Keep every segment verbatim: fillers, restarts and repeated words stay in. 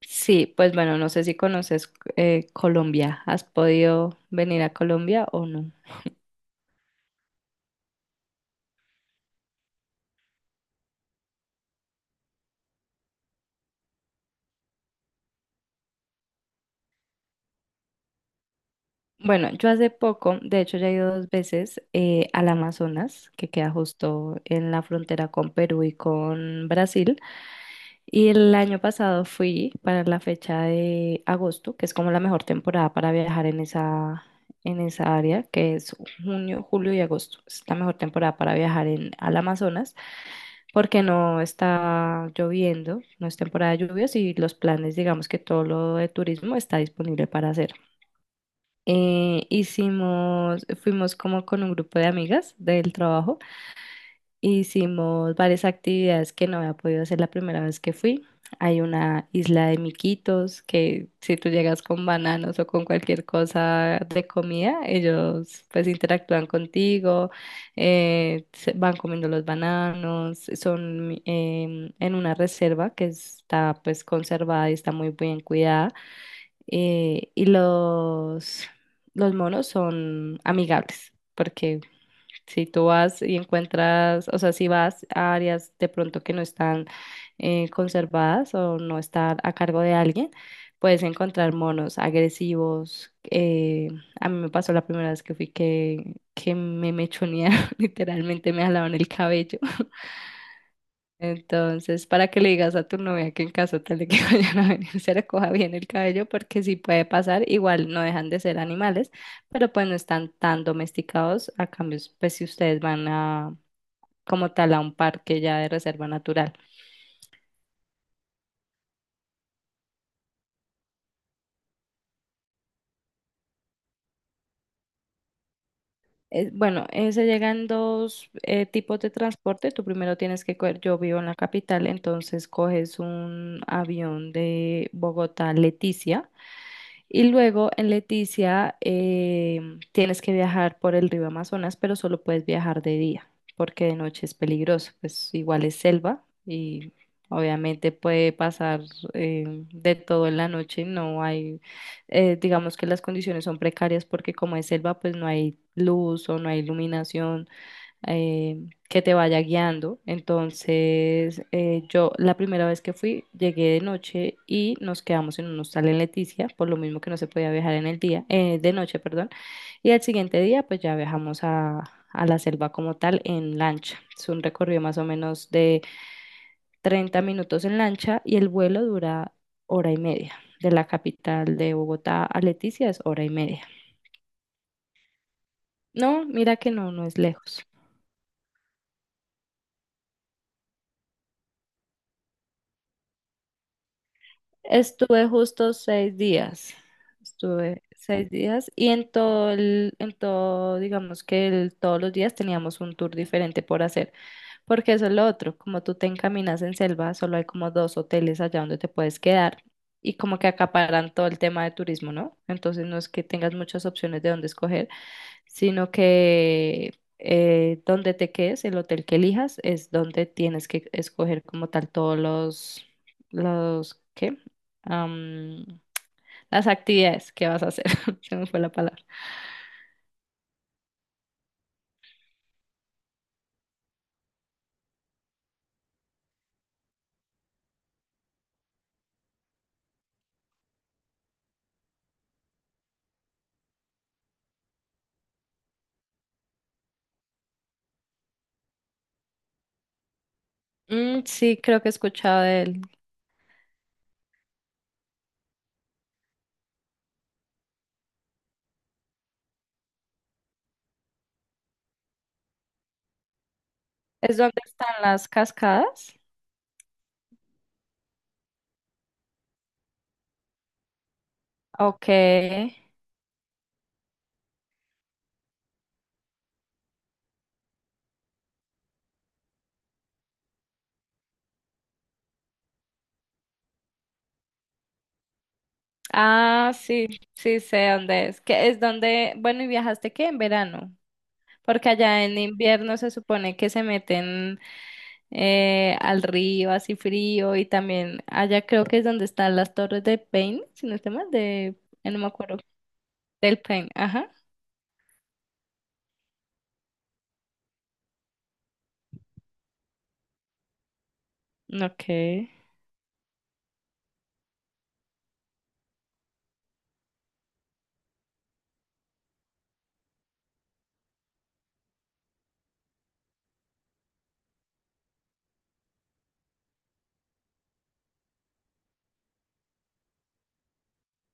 Sí, pues bueno, no sé si conoces eh, Colombia. ¿Has podido venir a Colombia o no? Bueno, yo hace poco, de hecho ya he ido dos veces eh, al Amazonas, que queda justo en la frontera con Perú y con Brasil. Y el año pasado fui para la fecha de agosto, que es como la mejor temporada para viajar en esa, en esa área, que es junio, julio y agosto. Es la mejor temporada para viajar en, al Amazonas. Porque no está lloviendo, no es temporada de lluvias y los planes, digamos que todo lo de turismo está disponible para hacer. Eh, hicimos, fuimos como con un grupo de amigas del trabajo. Hicimos varias actividades que no había podido hacer la primera vez que fui. Hay una isla de miquitos que si tú llegas con bananos o con cualquier cosa de comida, ellos pues interactúan contigo, eh, se- van comiendo los bananos, son em, en una reserva que está pues conservada y está muy bien cuidada. eh, y los, los monos son amigables. Porque si tú vas y encuentras, o sea, si vas a áreas de pronto que no están eh, conservadas o no están a cargo de alguien, puedes encontrar monos agresivos. Eh, a mí me pasó la primera vez que fui que, que me mechonearon, literalmente me jalaban el cabello. Entonces, para que le digas a tu novia que en caso tal de que vayan a venir, se recoja bien el cabello, porque sí puede pasar, igual no dejan de ser animales, pero pues no están tan domesticados. A cambio, pues si ustedes van a como tal a un parque ya de reserva natural. Eh, bueno, eh, se llegan dos eh, tipos de transporte. Tú primero tienes que coger, yo vivo en la capital, entonces coges un avión de Bogotá a Leticia y luego en Leticia em, tienes que viajar por el río Amazonas, pero solo puedes viajar de día porque de noche es peligroso, pues igual es selva y obviamente puede pasar em, de todo en la noche. No hay, eh, digamos que las condiciones son precarias porque como es selva, pues no hay luz o no hay iluminación eh, que te vaya guiando. Entonces, eh, yo la primera vez que fui, llegué de noche y nos quedamos en un hostal en Leticia, por lo mismo que no se podía viajar en el día, eh, de noche, perdón. Y al siguiente día, pues ya viajamos a, a la selva como tal en lancha. Es un recorrido más o menos de treinta minutos en lancha y el vuelo dura hora y media. De la capital de Bogotá a Leticia es hora y media. No, mira que no, no es lejos. Estuve justo seis días. Estuve seis días y en todo el, en todo, digamos que el- todos los días teníamos un tour diferente por hacer, porque eso es lo otro. Como tú te encaminas en selva, solo hay como dos hoteles allá donde te puedes quedar y como que acaparan todo el tema de turismo, ¿no? Entonces no es que tengas muchas opciones de dónde escoger, sino que eh, donde te quedes, el hotel que elijas, es donde tienes que escoger como tal todos los, los, ¿qué? Am, las actividades que vas a hacer. Se me fue la palabra. Mm, sí, creo que he escuchado de él. ¿Es donde están las cascadas? Ok. Ah, sí, sí sé dónde es. Que es donde, bueno, ¿y viajaste qué? En verano. Porque allá en invierno se supone que se meten eh, al río así frío y también allá creo que es donde están las torres de Paine, si no estoy mal, de, eh, no me acuerdo, del Paine, ajá, ok.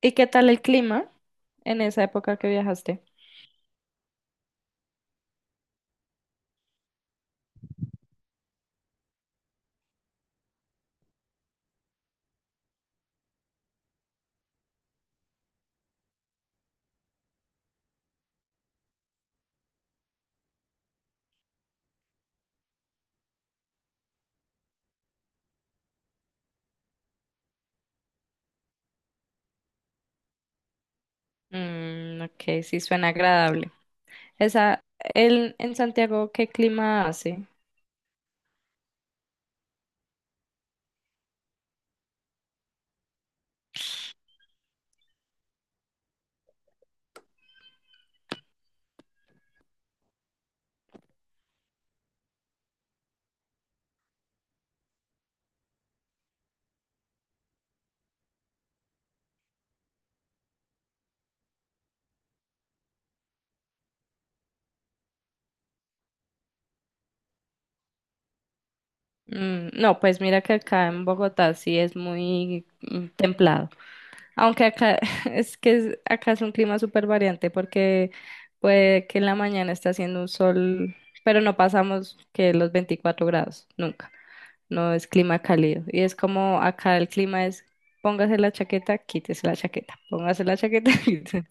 ¿Y qué tal el clima en esa época que viajaste? Mm, ok, sí suena agradable. Esa, el, en Santiago, ¿qué clima hace? Mm, no, pues mira que acá en Bogotá sí es muy mm, templado. Aunque acá es que es- acá es un clima súper variante porque puede que en la mañana esté haciendo un sol, pero no pasamos que los veinticuatro grados, nunca. No es clima cálido. Y es como acá el clima es póngase la chaqueta, quítese la chaqueta, póngase la chaqueta, quítese.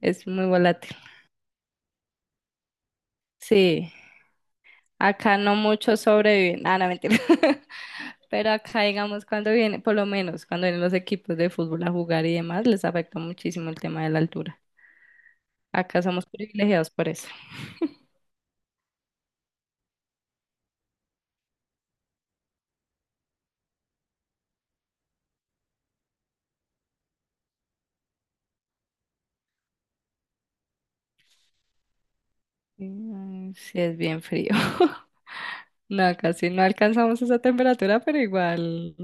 Es muy volátil. Sí, acá no muchos sobreviven. Ah, no, mentira. Pero acá, digamos, cuando viene, por lo menos cuando vienen los equipos de fútbol a jugar y demás, les afecta muchísimo el tema de la altura. Acá somos privilegiados por eso. Mm, Sí, es bien frío. No, casi no alcanzamos esa temperatura, pero igual.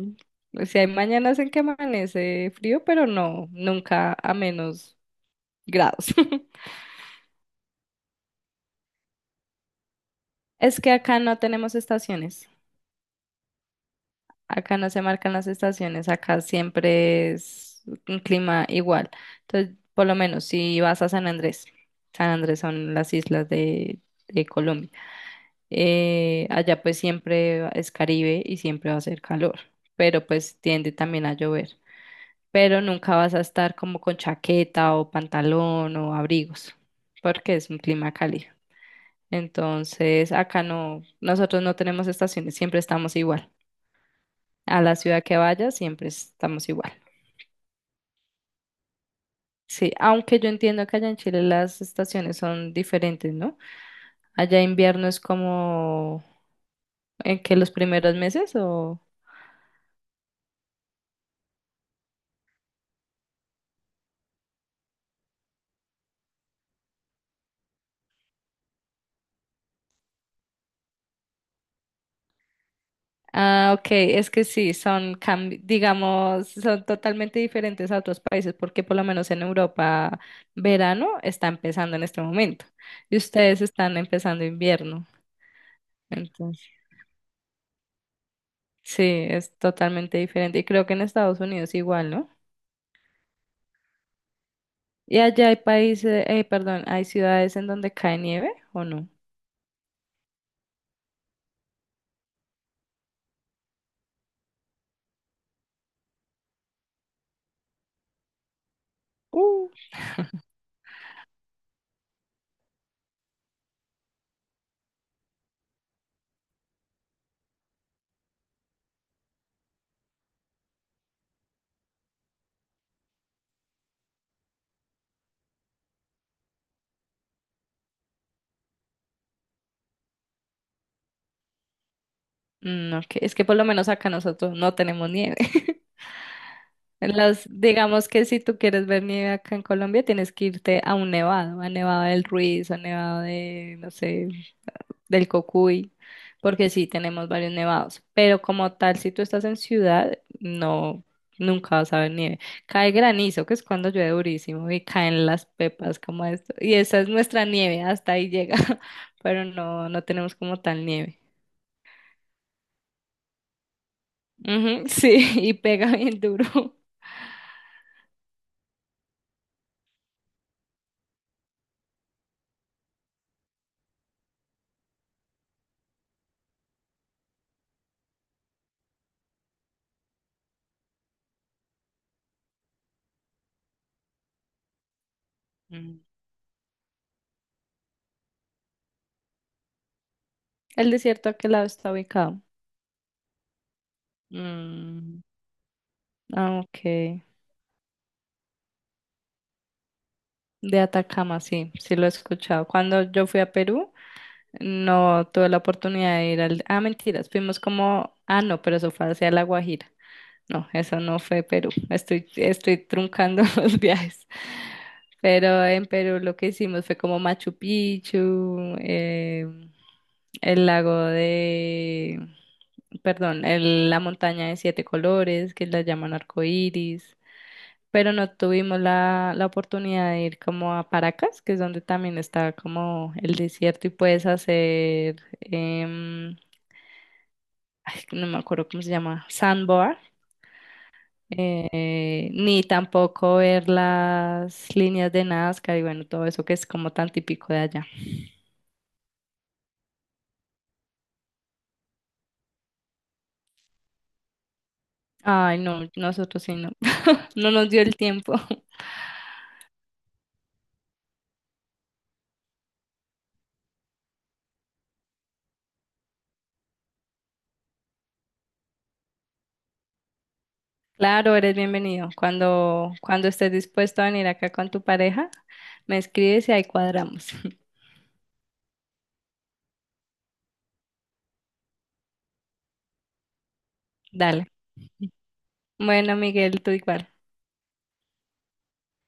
O sea, hay mañanas en que amanece frío, pero no, nunca a menos grados. Es que acá no tenemos estaciones. Acá no se marcan las estaciones. Acá siempre es un clima igual. Entonces, por lo menos si vas a San Andrés, San Andrés son las islas de, de Colombia. Eh, allá pues siempre es Caribe y siempre va a ser calor, pero pues tiende también a llover. Pero nunca vas a estar como con chaqueta o pantalón o abrigos, porque es un clima cálido. Entonces, acá no, nosotros no tenemos estaciones, siempre estamos igual. A la ciudad que vayas, siempre estamos igual. Sí, aunque yo entiendo que allá en Chile las estaciones son diferentes, ¿no? Allá invierno es como en que los primeros meses o... Ah, ok, es que sí, son, cambi- digamos, son totalmente diferentes a otros países, porque por lo menos en Europa verano está empezando en este momento y ustedes están empezando invierno. Entonces, sí, es totalmente diferente. Y creo que en Estados Unidos igual, ¿no? Y allá hay países, eh, perdón, hay ciudades en donde cae nieve o no. Uh, No, que es que por lo menos acá nosotros no tenemos nieve. Las, digamos que si tú quieres ver nieve acá en Colombia, tienes que irte a un nevado, a Nevado del Ruiz, a Nevado de, no sé, del Cocuy, porque sí, tenemos varios nevados. Pero como tal, si tú estás en ciudad, no, nunca vas a ver nieve. Cae granizo, que es cuando llueve durísimo, y caen las pepas como esto. Y esa es nuestra nieve, hasta ahí llega, pero no, no tenemos como tal nieve. Ujú, sí, y pega bien duro. Mm. ¿El desierto a qué lado está ubicado? Mm, ah, ok. De Atacama, sí, sí lo he escuchado. Cuando yo fui a Perú, no tuve la oportunidad de ir al... Ah, mentiras, fuimos como... Ah, no, pero eso fue hacia La Guajira. No, eso no fue Perú. Estoy, estoy truncando los viajes. Pero en Perú lo que hicimos fue como Machu Picchu, eh, el lago de... Perdón, el- la montaña de siete colores, que la llaman arcoíris. Pero no tuvimos la, la oportunidad de ir como a Paracas, que es donde también está como el desierto y puedes hacer, em, ay, no me acuerdo cómo se llama, sandboard, eh, ni tampoco ver las líneas de Nazca y bueno, todo eso que es como tan típico de allá. Ay, no, nosotros sí no, no nos dio el tiempo. Claro, eres bienvenido. Cuando, cuando estés dispuesto a venir acá con tu pareja, me escribes y ahí cuadramos. Dale. Bueno, Miguel, tú igual.